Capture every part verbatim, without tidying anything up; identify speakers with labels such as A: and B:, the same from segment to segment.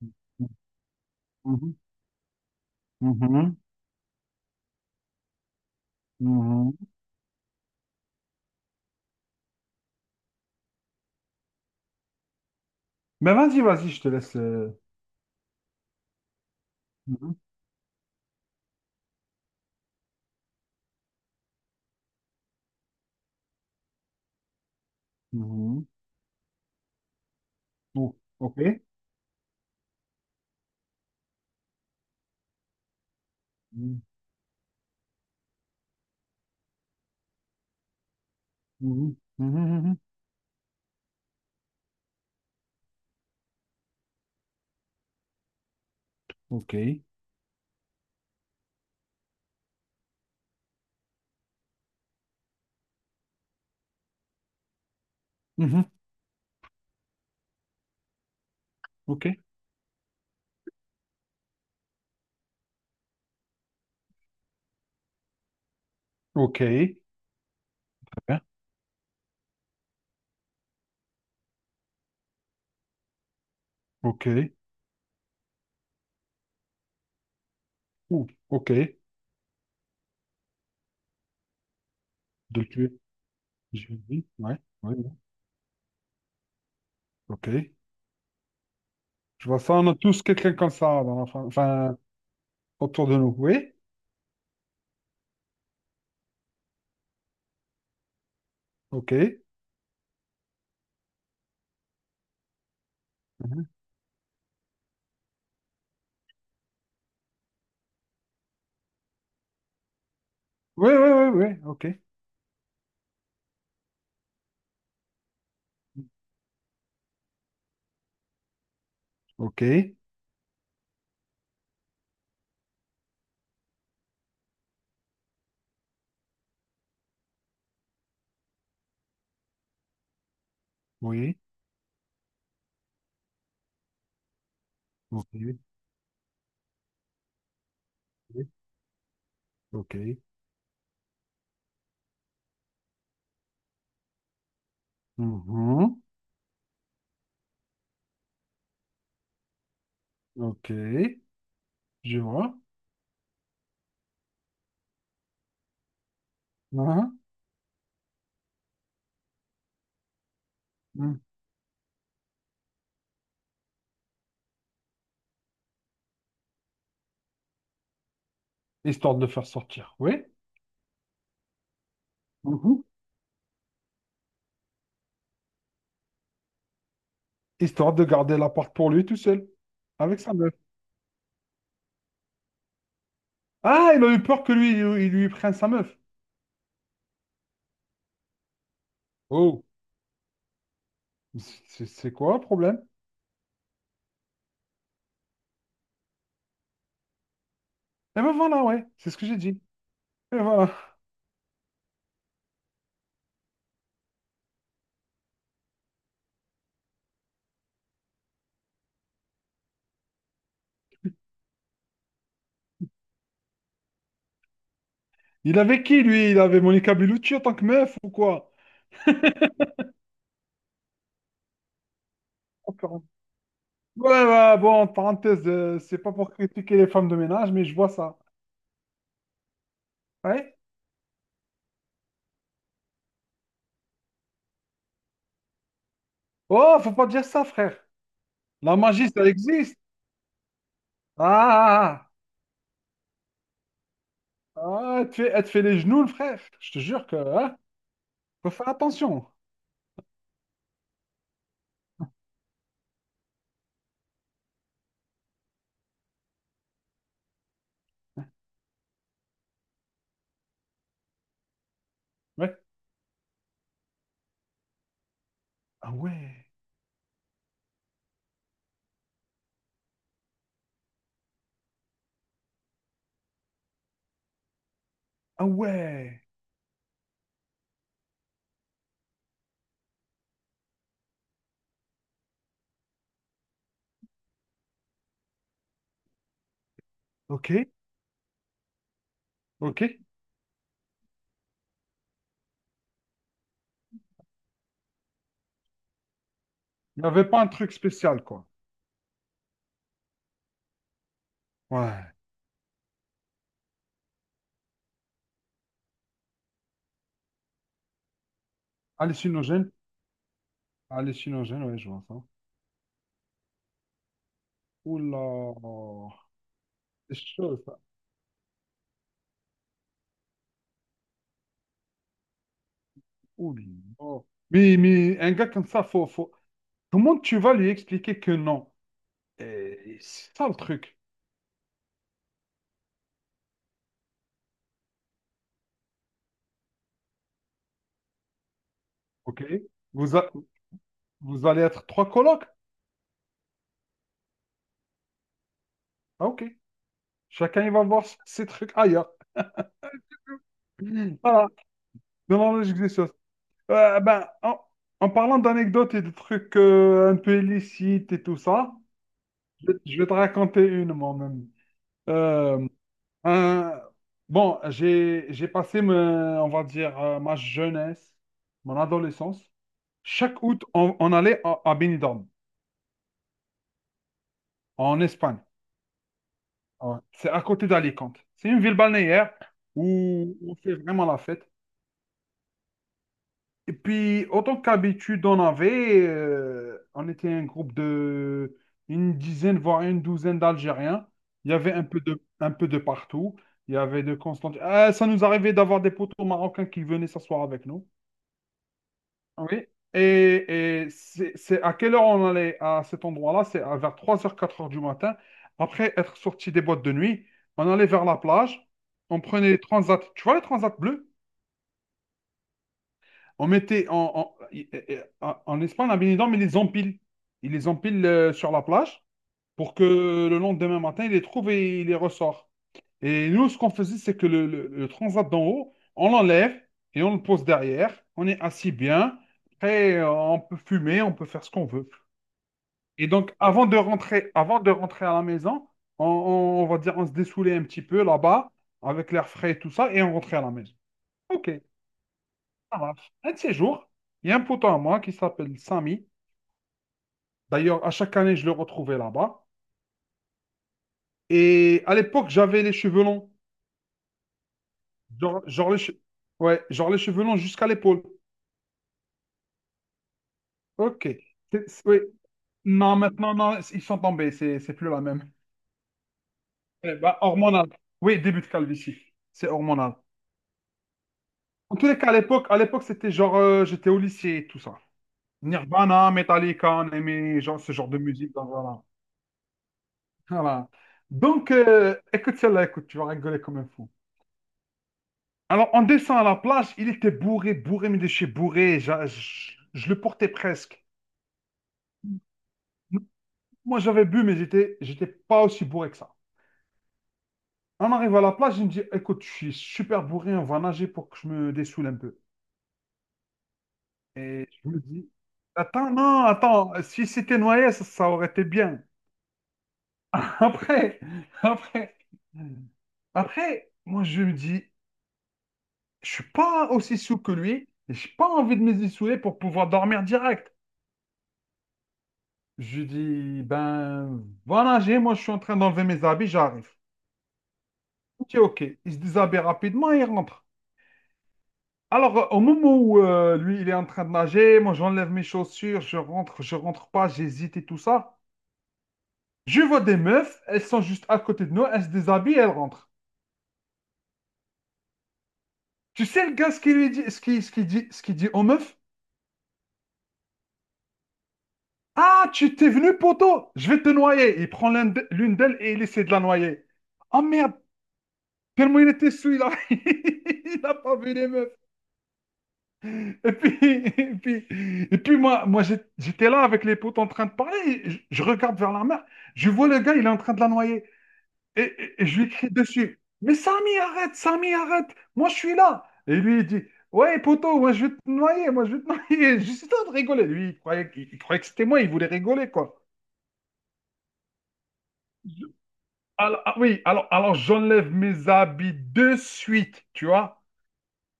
A: Mhm, mhm, mhm. Mais vas-y, vas-y, je te laisse. Euh, mhm, mhm. Oh, ok. Mhm, mhm, mhm, mhm. Ok. Mhm. Ok. Ok. Très bien. Ok. Ouh, ok. De le tuer. Je dis. Ouais. Ouais, ouais. Ok. Je vois ça, on a tous quelqu'un comme ça dans la fa- enfin, autour de nous. Oui. Ok. Mhm. Oui, oui, oui, oui. Ok. Ok. Oui. Ok. Oui. Ok. Mhm. Ok. Je vois. Hein, hein. Histoire de le faire sortir, oui. Mhm. Histoire de garder la porte pour lui tout seul, avec sa meuf. Ah, il a eu peur que lui, il il lui prenne sa meuf. Oh, c'est c'est quoi le problème? Eh ben voilà, ouais, c'est ce que j'ai dit. Et voilà. Il avait qui, lui? Il avait Monica Bellucci en tant que meuf ou quoi? Oh, pardon. Ouais, ouais, bon, en parenthèse, euh, c'est pas pour critiquer les femmes de ménage, mais je vois ça. Ouais? Oh, faut pas dire ça, frère. La magie, ça existe. Ah! Ah, ah. Ah, elle te fais, elle te fait les genoux, le frère. Je te jure que, hein, faut faire attention. Ouais. Ah ouais. Ah ouais. Ok. Ok. Il n'y avait pas un truc spécial, quoi. Ouais. Hallucinogène. Hallucinogène, ouais, je vois ça. Oula. C'est chaud, ça. Oula. Mais, mais un gars comme ça, faut, faut... comment tu vas lui expliquer que non? Eh, c'est ça le truc. Ok. Vous, a- Vous allez être trois colocs? Ah, ok. Chacun, il va voir ses trucs ailleurs. Voilà. Dans la logique des choses. Euh, ben, en, en parlant d'anecdotes et de trucs euh, un peu illicites et tout ça, je, je vais te raconter une moi-même. Euh, un- bon, j'ai, j'ai passé, me- on va dire, euh, ma jeunesse, mon adolescence. Chaque août, on, on allait à, à Benidorm, en Espagne. Ouais. C'est à côté d'Alicante. C'est une ville balnéaire où on fait vraiment la fête. Et puis, autant qu'habitude, on avait, euh, on était un groupe de une dizaine, voire une douzaine d'Algériens. Il y avait un peu de, un peu de partout. Il y avait de Constantine. Ah, ça nous arrivait d'avoir des poteaux marocains qui venaient s'asseoir avec nous. Oui. Et, et c'est c'est à quelle heure on allait à cet endroit-là? C'est à vers trois heures, quatre heures du matin. Après être sorti des boîtes de nuit, on allait vers la plage. On prenait les transats. Tu vois les transats bleus? On mettait en, en, en- en Espagne, la bénédicte, mais ils les empile. Il les empile euh, sur la plage pour que le lendemain matin, il les trouve et il les ressort. Et nous, ce qu'on faisait, c'est que le, le- le transat d'en haut, on l'enlève et on le pose derrière. On est assis bien. Après, euh, on peut fumer, on peut faire ce qu'on veut. Et donc, avant de rentrer, avant de rentrer à la maison, on, on- on va dire, on se dessoulait un petit peu là-bas avec l'air frais et tout ça, et on rentrait à la maison. OK. Ça marche. Un de ces jours, il y a un poteau à moi qui s'appelle Samy. D'ailleurs, à chaque année, je le retrouvais là-bas. Et à l'époque, j'avais les cheveux longs. Genre, genre les che- ouais, genre les cheveux longs jusqu'à l'épaule. Ok. C'est- c'est- oui. Non, maintenant, non, ils sont tombés. C'est c'est plus la même. Eh ben, hormonal. Oui, début de calvitie. C'est hormonal. En tous les cas, à l'époque, à l'époque, c'était genre, euh, j'étais au lycée et tout ça. Nirvana, Metallica, on aimait genre, ce genre de musique. Donc voilà. Voilà. Donc, euh, écoute celle-là, écoute, tu vas rigoler comme un fou. Alors, en descend à la plage, il était bourré, bourré, mais de chez bourré. J'a- Je, je le portais presque. Moi, j'avais bu, mais j'étais, j'étais pas aussi bourré que ça. On arrive à la plage, il me dit, écoute, je suis super bourré, on va nager pour que je me dessoule un peu. Et je me dis, attends, non, attends, si c'était noyé, ça, ça aurait été bien. Après, après, après, moi, je me dis, je suis pas aussi sous que lui, et j'ai pas envie de me dessouler pour pouvoir dormir direct. Je lui dis, ben voilà, j'ai, moi je suis en train d'enlever mes habits, j'arrive. Il dit ok. Il se déshabille rapidement et il rentre. Alors, euh, au moment où euh, lui, il est en train de nager, moi j'enlève mes chaussures, je rentre, je rentre pas, j'hésite et tout ça. Je vois des meufs, elles sont juste à côté de nous, elles se déshabillent et elles rentrent. Tu sais le gars ce qu'il lui dit, ce qui, ce qu'il dit, ce qu'il dit aux meufs? Ah, tu t'es venu, poteau, je vais te noyer. Il prend l'un d'e- l'une d'elles et il essaie de la noyer. Oh merde, tellement il était sous, il a, il a pas vu les meufs. Et puis, et puis, et puis moi, moi j'ai- j'étais là avec les potes en train de parler. Et Je, je regarde vers la mer. Je vois le gars, il est en train de la noyer. Et, et- et je lui crie dessus. Mais Samy, arrête, Samy, arrête. Moi, je suis là. Et lui, il dit, ouais, poteau, moi, je vais te noyer. Moi, je vais te noyer. Juste en train de rigoler. Lui, il croyait, qu'il- il croyait que c'était moi. Il voulait rigoler, quoi. Je- alors- ah oui, alors, alors j'enlève mes habits de suite, tu vois.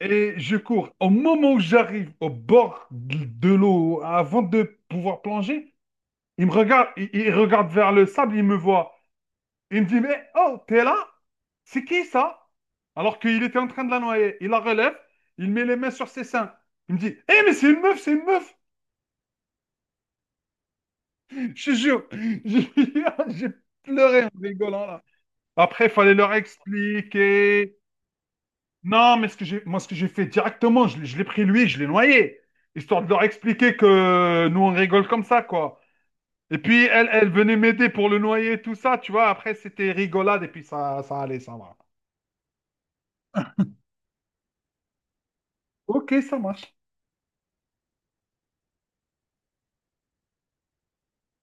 A: Et je cours. Au moment où j'arrive au bord de l'eau, avant de pouvoir plonger, il me regarde, il, il regarde vers le sable, il me voit. Il me dit, mais oh, t'es là? C'est qui ça? Alors qu'il était en train de la noyer. Il la relève, il met les mains sur ses seins. Il me dit, hé, mais c'est une meuf, c'est une meuf! Je te jure, j'ai j'ai pleuré en rigolant là. Après, il fallait leur expliquer. Non, mais ce que j'ai, moi, ce que j'ai fait directement, je, l'ai- je l'ai pris lui, je l'ai noyé, histoire de leur expliquer que nous, on rigole comme ça, quoi. Et puis, elle, elle venait m'aider pour le noyer, tout ça, tu vois. Après, c'était rigolade, et puis ça, ça allait, ça va. Ok, ça marche.